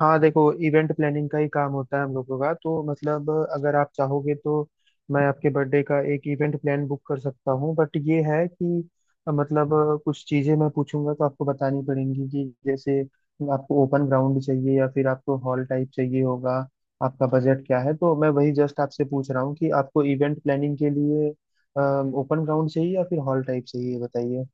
हाँ देखो, event planning का ही काम होता है हम लोगों का तो। मतलब अगर आप चाहोगे तो मैं आपके बर्थडे का एक इवेंट प्लान बुक कर सकता हूँ। बट ये है कि कुछ चीज़ें मैं पूछूंगा तो आपको बतानी पड़ेंगी कि जैसे आपको ओपन ग्राउंड चाहिए या फिर आपको हॉल टाइप चाहिए होगा। आपका बजट क्या है? तो मैं वही जस्ट आपसे पूछ रहा हूँ कि आपको इवेंट प्लानिंग के लिए ओपन ग्राउंड चाहिए या फिर हॉल टाइप चाहिए, बताइए।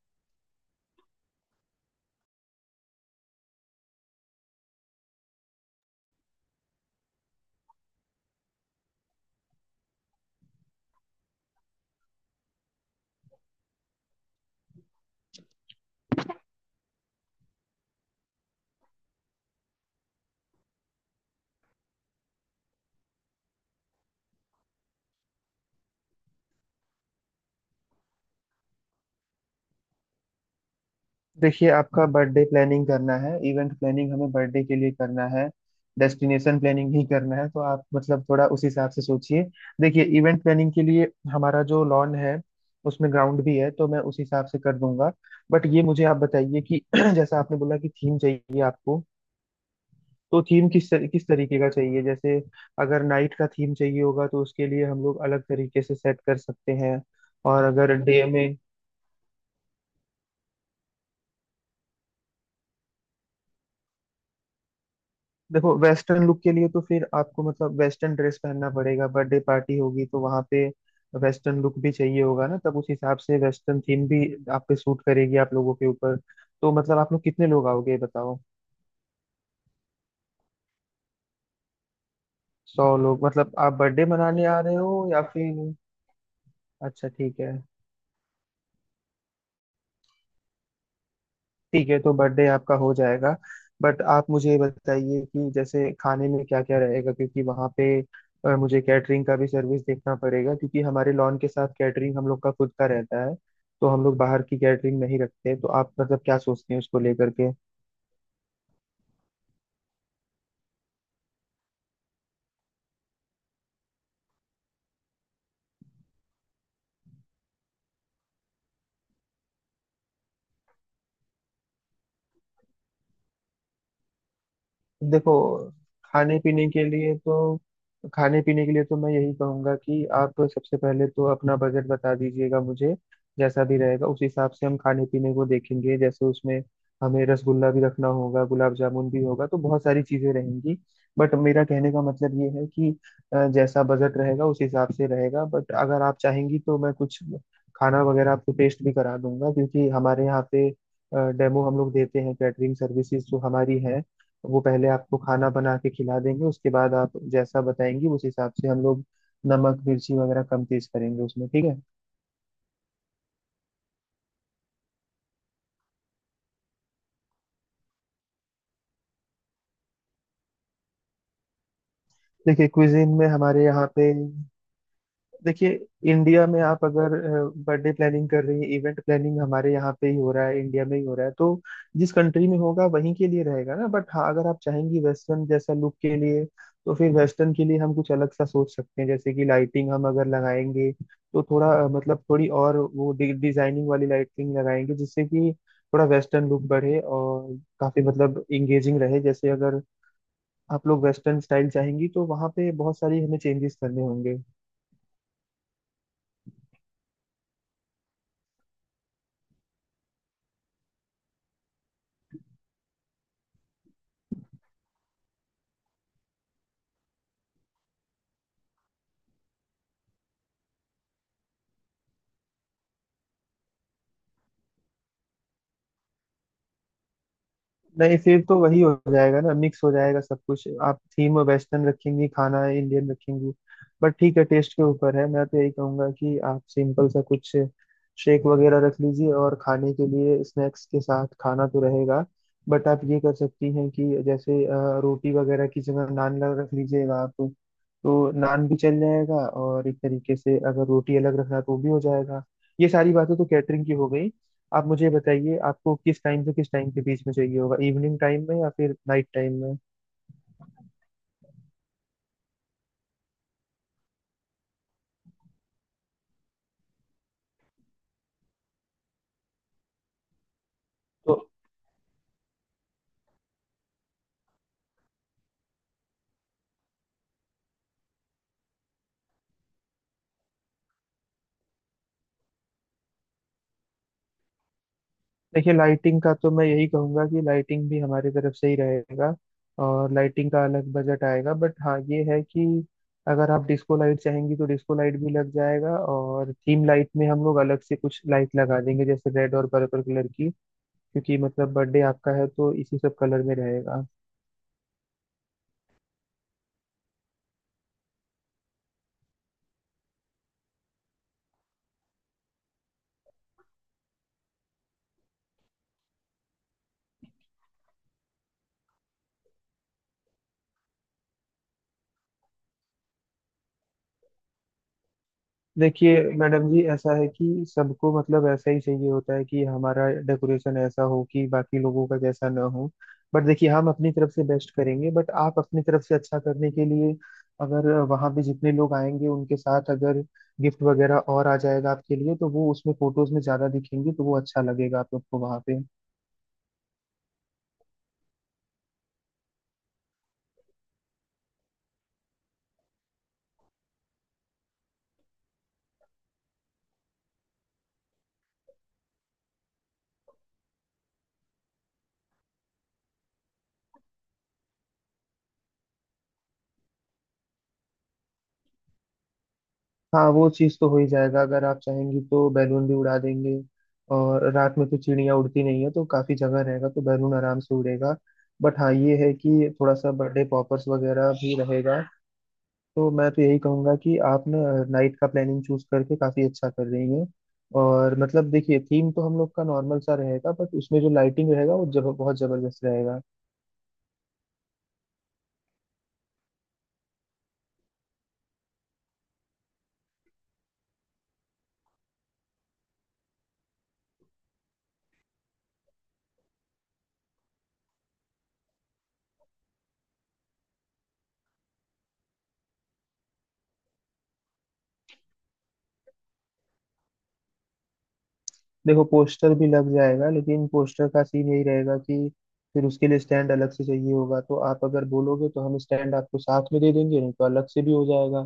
देखिए, आपका बर्थडे प्लानिंग करना है, इवेंट प्लानिंग हमें बर्थडे के लिए करना है, डेस्टिनेशन प्लानिंग ही करना है तो आप मतलब थोड़ा उस हिसाब से सोचिए। देखिए, इवेंट प्लानिंग के लिए हमारा जो लॉन है उसमें ग्राउंड भी है तो मैं उस हिसाब से कर दूंगा। बट ये मुझे आप बताइए कि जैसा आपने बोला कि थीम चाहिए आपको, तो थीम किस तरीके का चाहिए? जैसे अगर नाइट का थीम चाहिए होगा तो उसके लिए हम लोग अलग तरीके से सेट कर सकते हैं। और अगर डे में। देखो, वेस्टर्न लुक के लिए तो फिर आपको मतलब वेस्टर्न ड्रेस पहनना पड़ेगा, बर्थडे पार्टी होगी तो वहां पे वेस्टर्न लुक भी चाहिए होगा ना, तब उस हिसाब से वेस्टर्न थीम भी आप पे सूट करेगी आप लोगों के ऊपर। तो मतलब आप लोग कितने लोग आओगे, ये बताओ। सौ लोग? मतलब आप बर्थडे मनाने आ रहे हो या फिर। अच्छा, ठीक है। ठीक है, तो बर्थडे आपका हो जाएगा। बट आप मुझे ये बताइए कि जैसे खाने में क्या क्या रहेगा, क्योंकि वहाँ पे मुझे कैटरिंग का भी सर्विस देखना पड़ेगा क्योंकि हमारे लॉन के साथ कैटरिंग हम लोग का खुद का रहता है। तो हम लोग बाहर की कैटरिंग नहीं रखते, तो आप मतलब क्या सोचते हैं उसको लेकर? देखो, खाने पीने के लिए तो खाने पीने के लिए तो मैं यही कहूंगा कि आप सबसे पहले तो अपना बजट बता दीजिएगा मुझे। जैसा भी रहेगा उस हिसाब से हम खाने पीने को देखेंगे, जैसे उसमें हमें रसगुल्ला भी रखना होगा, गुलाब जामुन भी होगा, तो बहुत सारी चीजें रहेंगी। बट मेरा कहने का मतलब ये है कि जैसा बजट रहेगा उस हिसाब से रहेगा। बट अगर आप चाहेंगी तो मैं कुछ खाना वगैरह आपको टेस्ट भी करा दूंगा, क्योंकि हमारे यहाँ पे डेमो हम लोग देते हैं। कैटरिंग सर्विसेज जो हमारी है वो पहले आपको खाना बना के खिला देंगे, उसके बाद आप जैसा बताएंगी उस हिसाब से हम लोग नमक मिर्ची वगैरह कम तेज करेंगे उसमें, ठीक है। देखिए, क्विजिन में हमारे यहाँ पे। देखिए, इंडिया में आप अगर बर्थडे प्लानिंग कर रही हैं, इवेंट प्लानिंग हमारे यहाँ पे ही हो रहा है, इंडिया में ही हो रहा है तो जिस कंट्री में होगा वहीं के लिए रहेगा ना। बट हाँ, अगर आप चाहेंगी वेस्टर्न जैसा लुक के लिए, तो फिर वेस्टर्न के लिए हम कुछ अलग सा सोच सकते हैं, जैसे कि लाइटिंग हम अगर लगाएंगे तो थोड़ा मतलब थोड़ी और वो डिजाइनिंग वाली लाइटिंग लगाएंगे जिससे कि थोड़ा वेस्टर्न लुक बढ़े और काफी मतलब इंगेजिंग रहे। जैसे अगर आप लोग वेस्टर्न स्टाइल चाहेंगी तो वहाँ पे बहुत सारी हमें चेंजेस करने होंगे। नहीं, फिर तो वही हो जाएगा ना, मिक्स हो जाएगा सब कुछ। आप थीम वेस्टर्न रखेंगी, खाना इंडियन रखेंगी। बट ठीक है, टेस्ट के ऊपर है। मैं तो यही कहूंगा कि आप सिंपल सा कुछ शेक वगैरह रख लीजिए, और खाने के लिए स्नैक्स के साथ खाना तो रहेगा। बट आप ये कर सकती हैं कि जैसे रोटी वगैरह की जगह रख लीजिएगा आप। तो नान भी चल जाएगा और एक तरीके से अगर रोटी अलग रखना तो वो भी हो जाएगा। ये सारी बातें तो कैटरिंग की हो गई। आप मुझे बताइए, आपको किस टाइम से किस टाइम के बीच में चाहिए होगा, इवनिंग टाइम में या फिर नाइट टाइम में? तो देखिए, लाइटिंग का तो मैं यही कहूंगा कि लाइटिंग भी हमारी तरफ से ही रहेगा और लाइटिंग का अलग बजट आएगा। बट हाँ, ये है कि अगर आप डिस्को लाइट चाहेंगी तो डिस्को लाइट भी लग जाएगा, और थीम लाइट में हम लोग अलग से कुछ लाइट लगा देंगे, जैसे रेड और पर्पल कलर की, क्योंकि मतलब बर्थडे आपका है तो इसी सब कलर में रहेगा। देखिए मैडम जी, ऐसा है कि सबको मतलब ऐसा ही चाहिए होता है कि हमारा डेकोरेशन ऐसा हो कि बाकी लोगों का जैसा ना हो। बट देखिए, हम अपनी तरफ से बेस्ट करेंगे। बट आप अपनी तरफ से अच्छा करने के लिए, अगर वहाँ पे जितने लोग आएंगे उनके साथ अगर गिफ्ट वगैरह और आ जाएगा आपके लिए, तो वो उसमें फोटोज में ज्यादा दिखेंगे, तो वो अच्छा लगेगा आप लोग को वहाँ पे। हाँ, वो चीज़ तो हो ही जाएगा। अगर आप चाहेंगी तो बैलून भी उड़ा देंगे, और रात में तो चिड़िया उड़ती नहीं है तो काफ़ी जगह रहेगा, तो बैलून आराम से उड़ेगा। बट हाँ, ये है कि थोड़ा सा बर्थडे पॉपर्स वगैरह भी रहेगा। तो मैं तो यही कहूँगा कि आप ना नाइट का प्लानिंग चूज करके काफ़ी अच्छा कर रही हैं। और मतलब देखिए, थीम तो हम लोग का नॉर्मल सा रहेगा, बट उसमें जो लाइटिंग रहेगा वो जब बहुत ज़बरदस्त रहेगा। देखो, पोस्टर भी लग जाएगा, लेकिन पोस्टर का सीन यही रहेगा कि फिर उसके लिए स्टैंड अलग से चाहिए होगा, तो आप अगर बोलोगे तो हम स्टैंड आपको साथ में दे देंगे, नहीं तो अलग से भी हो जाएगा।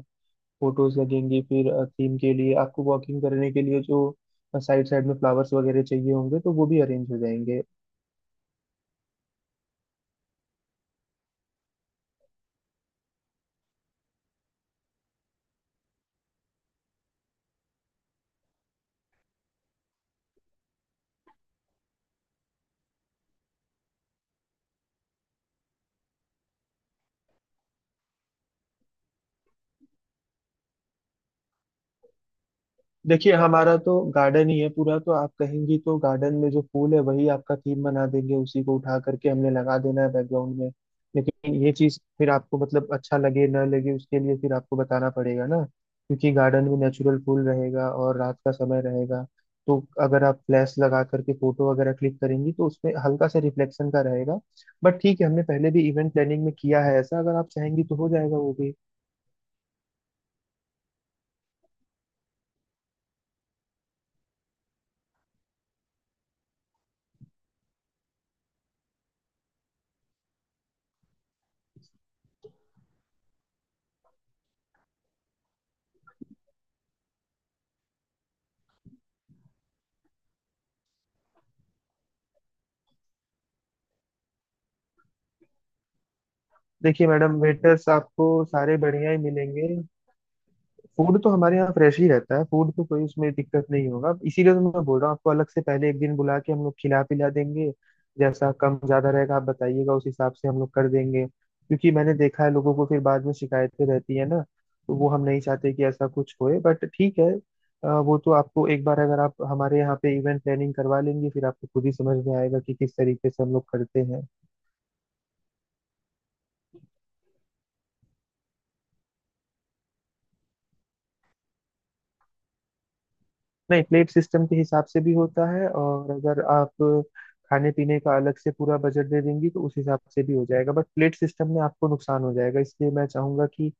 फोटोज लगेंगी, फिर थीम के लिए आपको वॉकिंग करने के लिए जो साइड साइड में फ्लावर्स वगैरह चाहिए होंगे तो वो भी अरेंज हो जाएंगे। देखिए, हमारा तो गार्डन ही है पूरा, तो आप कहेंगी तो गार्डन में जो फूल है वही आपका थीम बना देंगे, उसी को उठा करके हमने लगा देना है बैकग्राउंड में। लेकिन ये चीज फिर आपको मतलब अच्छा लगे ना लगे उसके लिए फिर आपको बताना पड़ेगा ना, क्योंकि गार्डन में नेचुरल फूल रहेगा और रात का समय रहेगा, तो अगर आप फ्लैश लगा करके फोटो वगैरह क्लिक करेंगी तो उसमें हल्का सा रिफ्लेक्शन का रहेगा। बट ठीक है, हमने पहले भी इवेंट प्लानिंग में किया है ऐसा, अगर आप चाहेंगी तो हो जाएगा वो भी। देखिए मैडम, वेटर्स आपको सारे बढ़िया ही मिलेंगे। फूड तो हमारे यहाँ फ्रेश ही रहता है, फूड तो कोई उसमें दिक्कत नहीं होगा, इसीलिए तो मैं बोल रहा हूँ आपको अलग से पहले एक दिन बुला के हम लोग खिला पिला देंगे। जैसा कम ज्यादा रहेगा आप बताइएगा उस हिसाब से हम लोग कर देंगे, क्योंकि मैंने देखा है लोगों को फिर बाद में शिकायतें रहती है ना, तो वो हम नहीं चाहते कि ऐसा कुछ होए। बट ठीक है, वो तो आपको एक बार अगर आप हमारे यहाँ पे इवेंट प्लानिंग करवा लेंगे फिर आपको खुद ही समझ में आएगा कि किस तरीके से हम लोग करते हैं। नहीं, प्लेट सिस्टम के हिसाब से भी होता है, और अगर आप खाने पीने का अलग से पूरा बजट दे देंगी तो उस हिसाब से भी हो जाएगा। बट प्लेट सिस्टम में आपको नुकसान हो जाएगा, इसलिए मैं चाहूंगा कि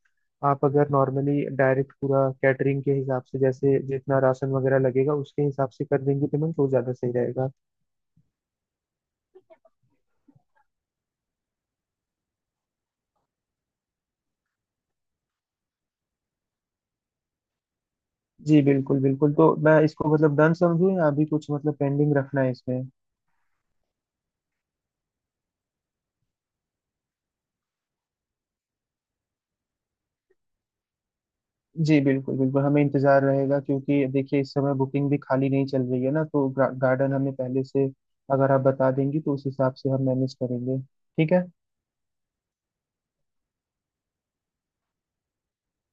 आप अगर नॉर्मली डायरेक्ट पूरा कैटरिंग के हिसाब से, जैसे जितना राशन वगैरह लगेगा उसके हिसाब से कर देंगी पेमेंट, तो ज्यादा सही रहेगा। जी बिल्कुल बिल्कुल, तो मैं इसको मतलब डन समझूं या अभी कुछ मतलब पेंडिंग रखना है इसमें? जी बिल्कुल बिल्कुल, हमें इंतजार रहेगा, क्योंकि देखिए इस समय बुकिंग भी खाली नहीं चल रही है ना, तो गार्डन हमें पहले से अगर आप बता देंगी तो उस हिसाब से हम मैनेज करेंगे, ठीक है।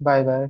Bye bye.